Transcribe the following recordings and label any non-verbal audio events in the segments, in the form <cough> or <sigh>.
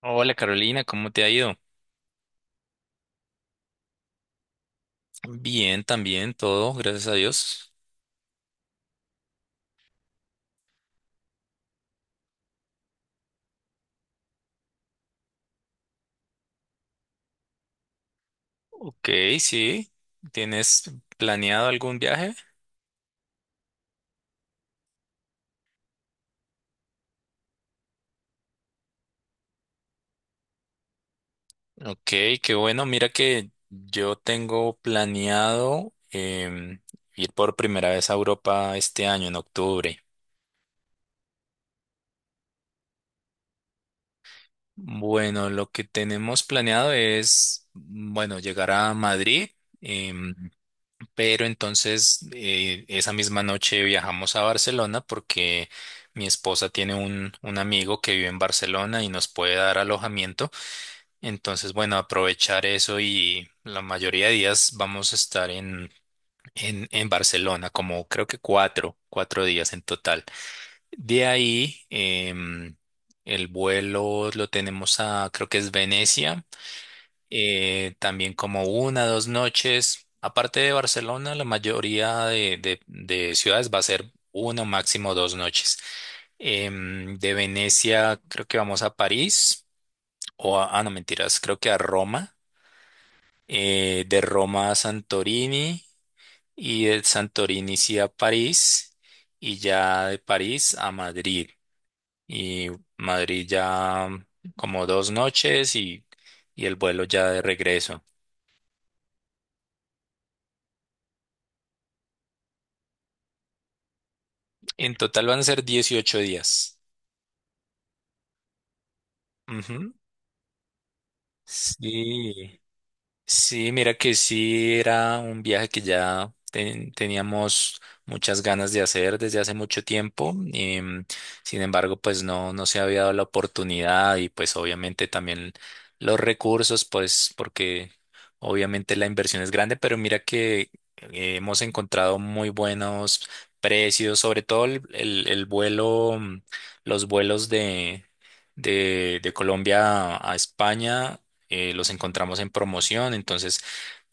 Hola Carolina, ¿cómo te ha ido? Bien, también todo, gracias a Dios. Ok, sí. ¿Tienes planeado algún viaje? Ok, qué bueno. Mira que yo tengo planeado ir por primera vez a Europa este año, en octubre. Bueno, lo que tenemos planeado es, bueno, llegar a Madrid. em, Pero entonces esa misma noche viajamos a Barcelona porque mi esposa tiene un amigo que vive en Barcelona y nos puede dar alojamiento. Entonces, bueno, aprovechar eso y la mayoría de días vamos a estar en Barcelona, como creo que cuatro, cuatro días en total. De ahí, el vuelo lo tenemos a, creo que es Venecia, también como una, dos noches. Aparte de Barcelona, la mayoría de ciudades va a ser una, o máximo dos noches. De Venecia, creo que vamos a París, o a, ah, no, mentiras, creo que a Roma. De Roma a Santorini, y de Santorini sí a París, y ya de París a Madrid. Y Madrid ya como dos noches y el vuelo ya de regreso. En total van a ser 18 días. Ujú. Sí. Sí, mira que sí era un viaje que ya teníamos muchas ganas de hacer desde hace mucho tiempo. Sin embargo, pues no, no se había dado la oportunidad y pues obviamente también los recursos, pues porque obviamente la inversión es grande, pero mira que hemos encontrado muy buenos precios, sobre todo el vuelo, los vuelos de Colombia a España, los encontramos en promoción, entonces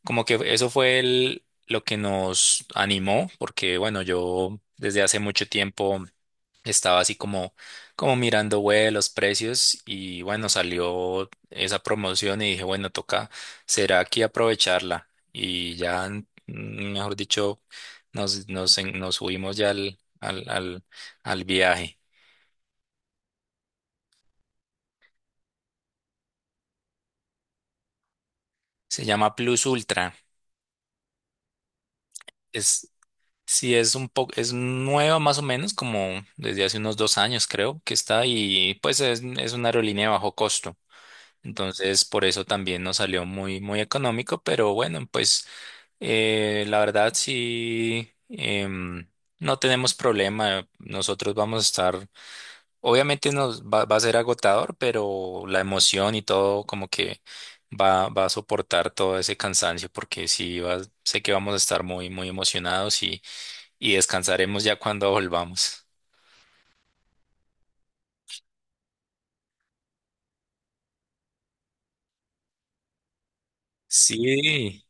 como que eso fue lo que nos animó, porque bueno, yo desde hace mucho tiempo estaba así como, como mirando web, los precios y bueno, salió esa promoción y dije, bueno, toca, será aquí aprovecharla y ya, mejor dicho, nos subimos ya al viaje. Se llama Plus Ultra. Es, Sí, es un poco, es nueva más o menos, como desde hace unos dos años creo que está y pues es una aerolínea de bajo costo. Entonces, por eso también nos salió muy, muy económico, pero bueno, pues la verdad sí, no tenemos problema. Nosotros vamos a estar, obviamente nos va, va a ser agotador, pero la emoción y todo como que va, va a soportar todo ese cansancio porque sí, sé que vamos a estar muy, muy emocionados y descansaremos ya cuando volvamos. Sí,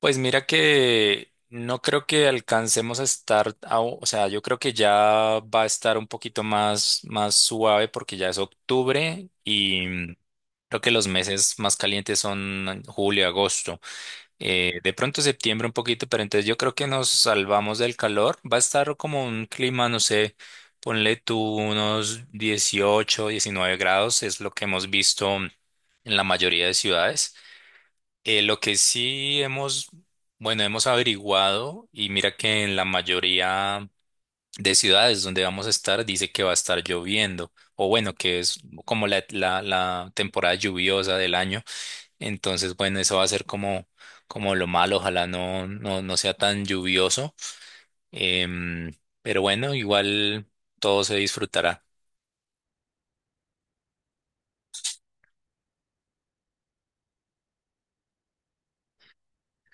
pues mira que no creo que alcancemos a estar, o sea, yo creo que ya va a estar un poquito más, más suave porque ya es octubre y creo que los meses más calientes son julio, agosto. De pronto septiembre un poquito, pero entonces yo creo que nos salvamos del calor. Va a estar como un clima, no sé, ponle tú unos 18 19 grados, es lo que hemos visto en la mayoría de ciudades. Lo que sí hemos, bueno, hemos averiguado y mira que en la mayoría de ciudades donde vamos a estar dice que va a estar lloviendo, o bueno, que es como la, la temporada lluviosa del año. Entonces, bueno, eso va a ser como, como lo malo, ojalá no, no, no sea tan lluvioso. Em, pero bueno, igual todo se disfrutará.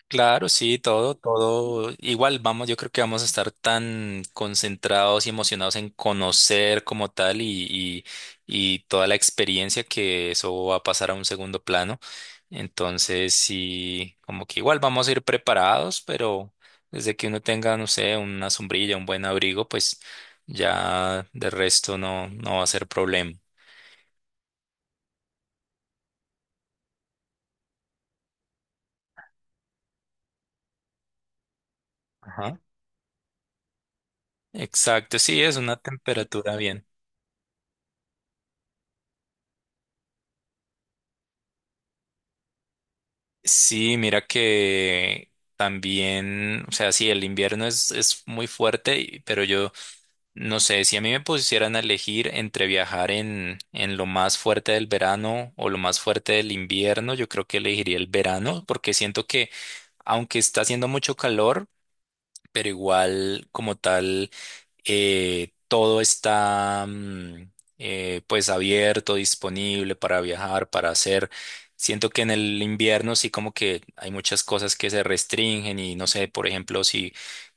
Claro, sí, todo, todo. Igual vamos, yo creo que vamos a estar tan concentrados y emocionados en conocer como tal y toda la experiencia que eso va a pasar a un segundo plano. Entonces, sí, como que igual vamos a ir preparados, pero desde que uno tenga, no sé, una sombrilla, un buen abrigo, pues ya de resto no, no va a ser problema. Ajá. Exacto, sí, es una temperatura bien. Sí, mira que también, o sea, sí, el invierno es muy fuerte, pero yo no sé, si a mí me pusieran a elegir entre viajar en lo más fuerte del verano o lo más fuerte del invierno, yo creo que elegiría el verano, porque siento que aunque está haciendo mucho calor, pero igual como tal todo está pues abierto, disponible para viajar, para hacer. Siento que en el invierno sí como que hay muchas cosas que se restringen y no sé, por ejemplo, si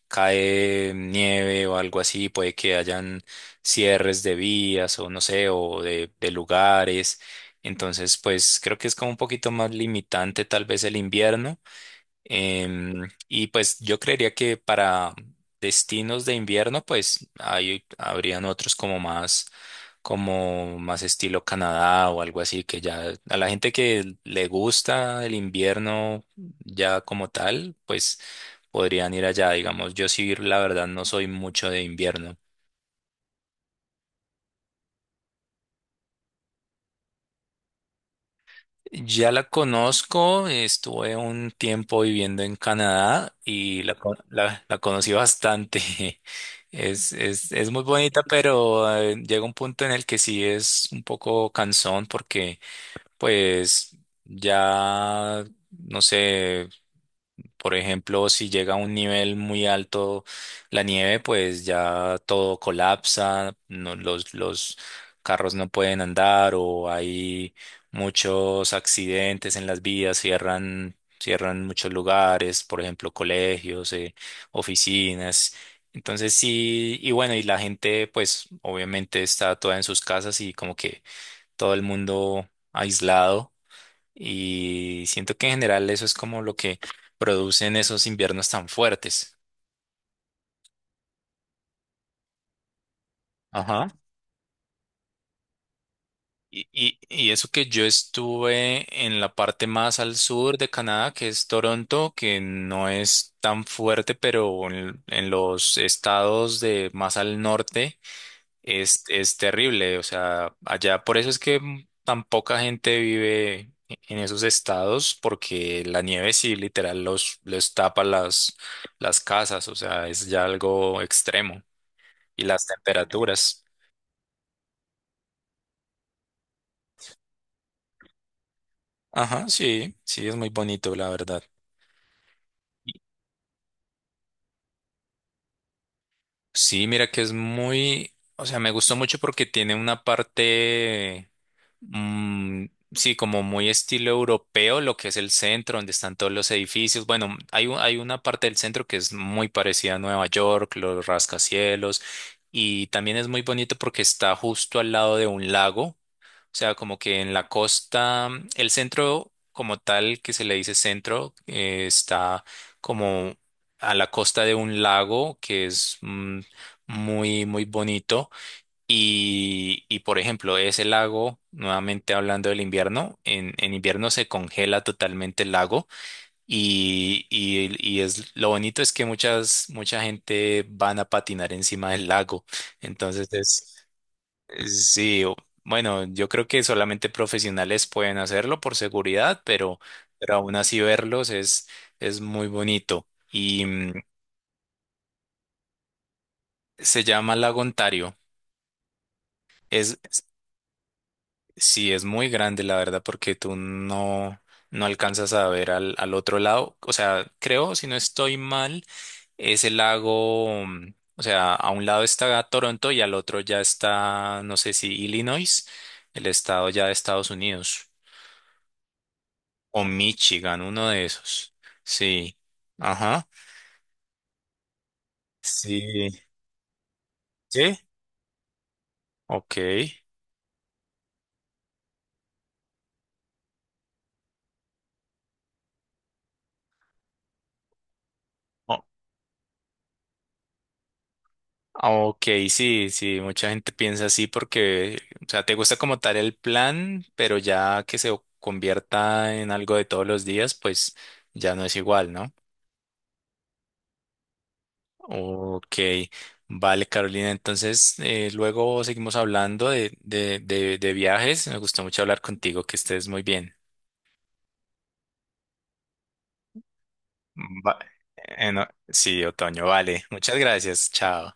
cae nieve o algo así, puede que hayan cierres de vías o no sé, o de lugares. Entonces, pues creo que es como un poquito más limitante tal vez el invierno. Y pues yo creería que para destinos de invierno, pues ahí habrían otros como más estilo Canadá o algo así, que ya a la gente que le gusta el invierno ya como tal, pues podrían ir allá, digamos. Yo sí, la verdad, no soy mucho de invierno. Ya la conozco, estuve un tiempo viviendo en Canadá y la, la, la conocí bastante. <laughs> Es muy bonita, pero llega un punto en el que sí es un poco cansón porque pues ya, no sé. Por ejemplo, si llega a un nivel muy alto la nieve, pues ya todo colapsa, los carros no pueden andar o hay muchos accidentes en las vías, cierran, cierran muchos lugares, por ejemplo, colegios, oficinas. Entonces sí, y bueno, y la gente pues obviamente está toda en sus casas y como que todo el mundo aislado. Y siento que en general eso es como lo que producen esos inviernos tan fuertes. Ajá. Y eso que yo estuve en la parte más al sur de Canadá, que es Toronto, que no es tan fuerte, pero en los estados de más al norte. Es terrible, o sea, allá por eso es que tan poca gente vive en esos estados, porque la nieve sí literal los, les tapa las casas, o sea, es ya algo extremo. Y las temperaturas. Ajá, sí, sí, es muy bonito, la verdad. Sí, mira que es muy, o sea, me gustó mucho porque tiene una parte Mm, sí, como muy estilo europeo, lo que es el centro, donde están todos los edificios. Bueno, hay, hay una parte del centro que es muy parecida a Nueva York, los rascacielos, y también es muy bonito porque está justo al lado de un lago, o sea, como que en la costa, el centro como tal, que se le dice centro, está como a la costa de un lago que es muy, muy bonito. Y, por ejemplo, ese lago, nuevamente hablando del invierno, en invierno se congela totalmente el lago y es lo bonito es que muchas, mucha gente van a patinar encima del lago. Entonces es, sí, bueno, yo creo que solamente profesionales pueden hacerlo por seguridad, pero aún así verlos es muy bonito. Y se llama Lago Ontario. Es Sí, es muy grande, la verdad, porque tú no, no alcanzas a ver al, al otro lado. O sea, creo, si no estoy mal, es el lago, o sea, a un lado está Toronto y al otro ya está, no sé si Illinois, el estado ya de Estados Unidos, o Michigan, uno de esos. Sí. Ajá. Sí. ¿Sí? Ok. Ok, sí, sí, mucha gente piensa así porque, o sea, te gusta como tal el plan, pero ya que se convierta en algo de todos los días, pues ya no es igual, ¿no? Ok, vale, Carolina, entonces luego seguimos hablando de viajes. Me gustó mucho hablar contigo, que estés muy bien. Va- no, sí, Otoño, vale. Muchas gracias, chao.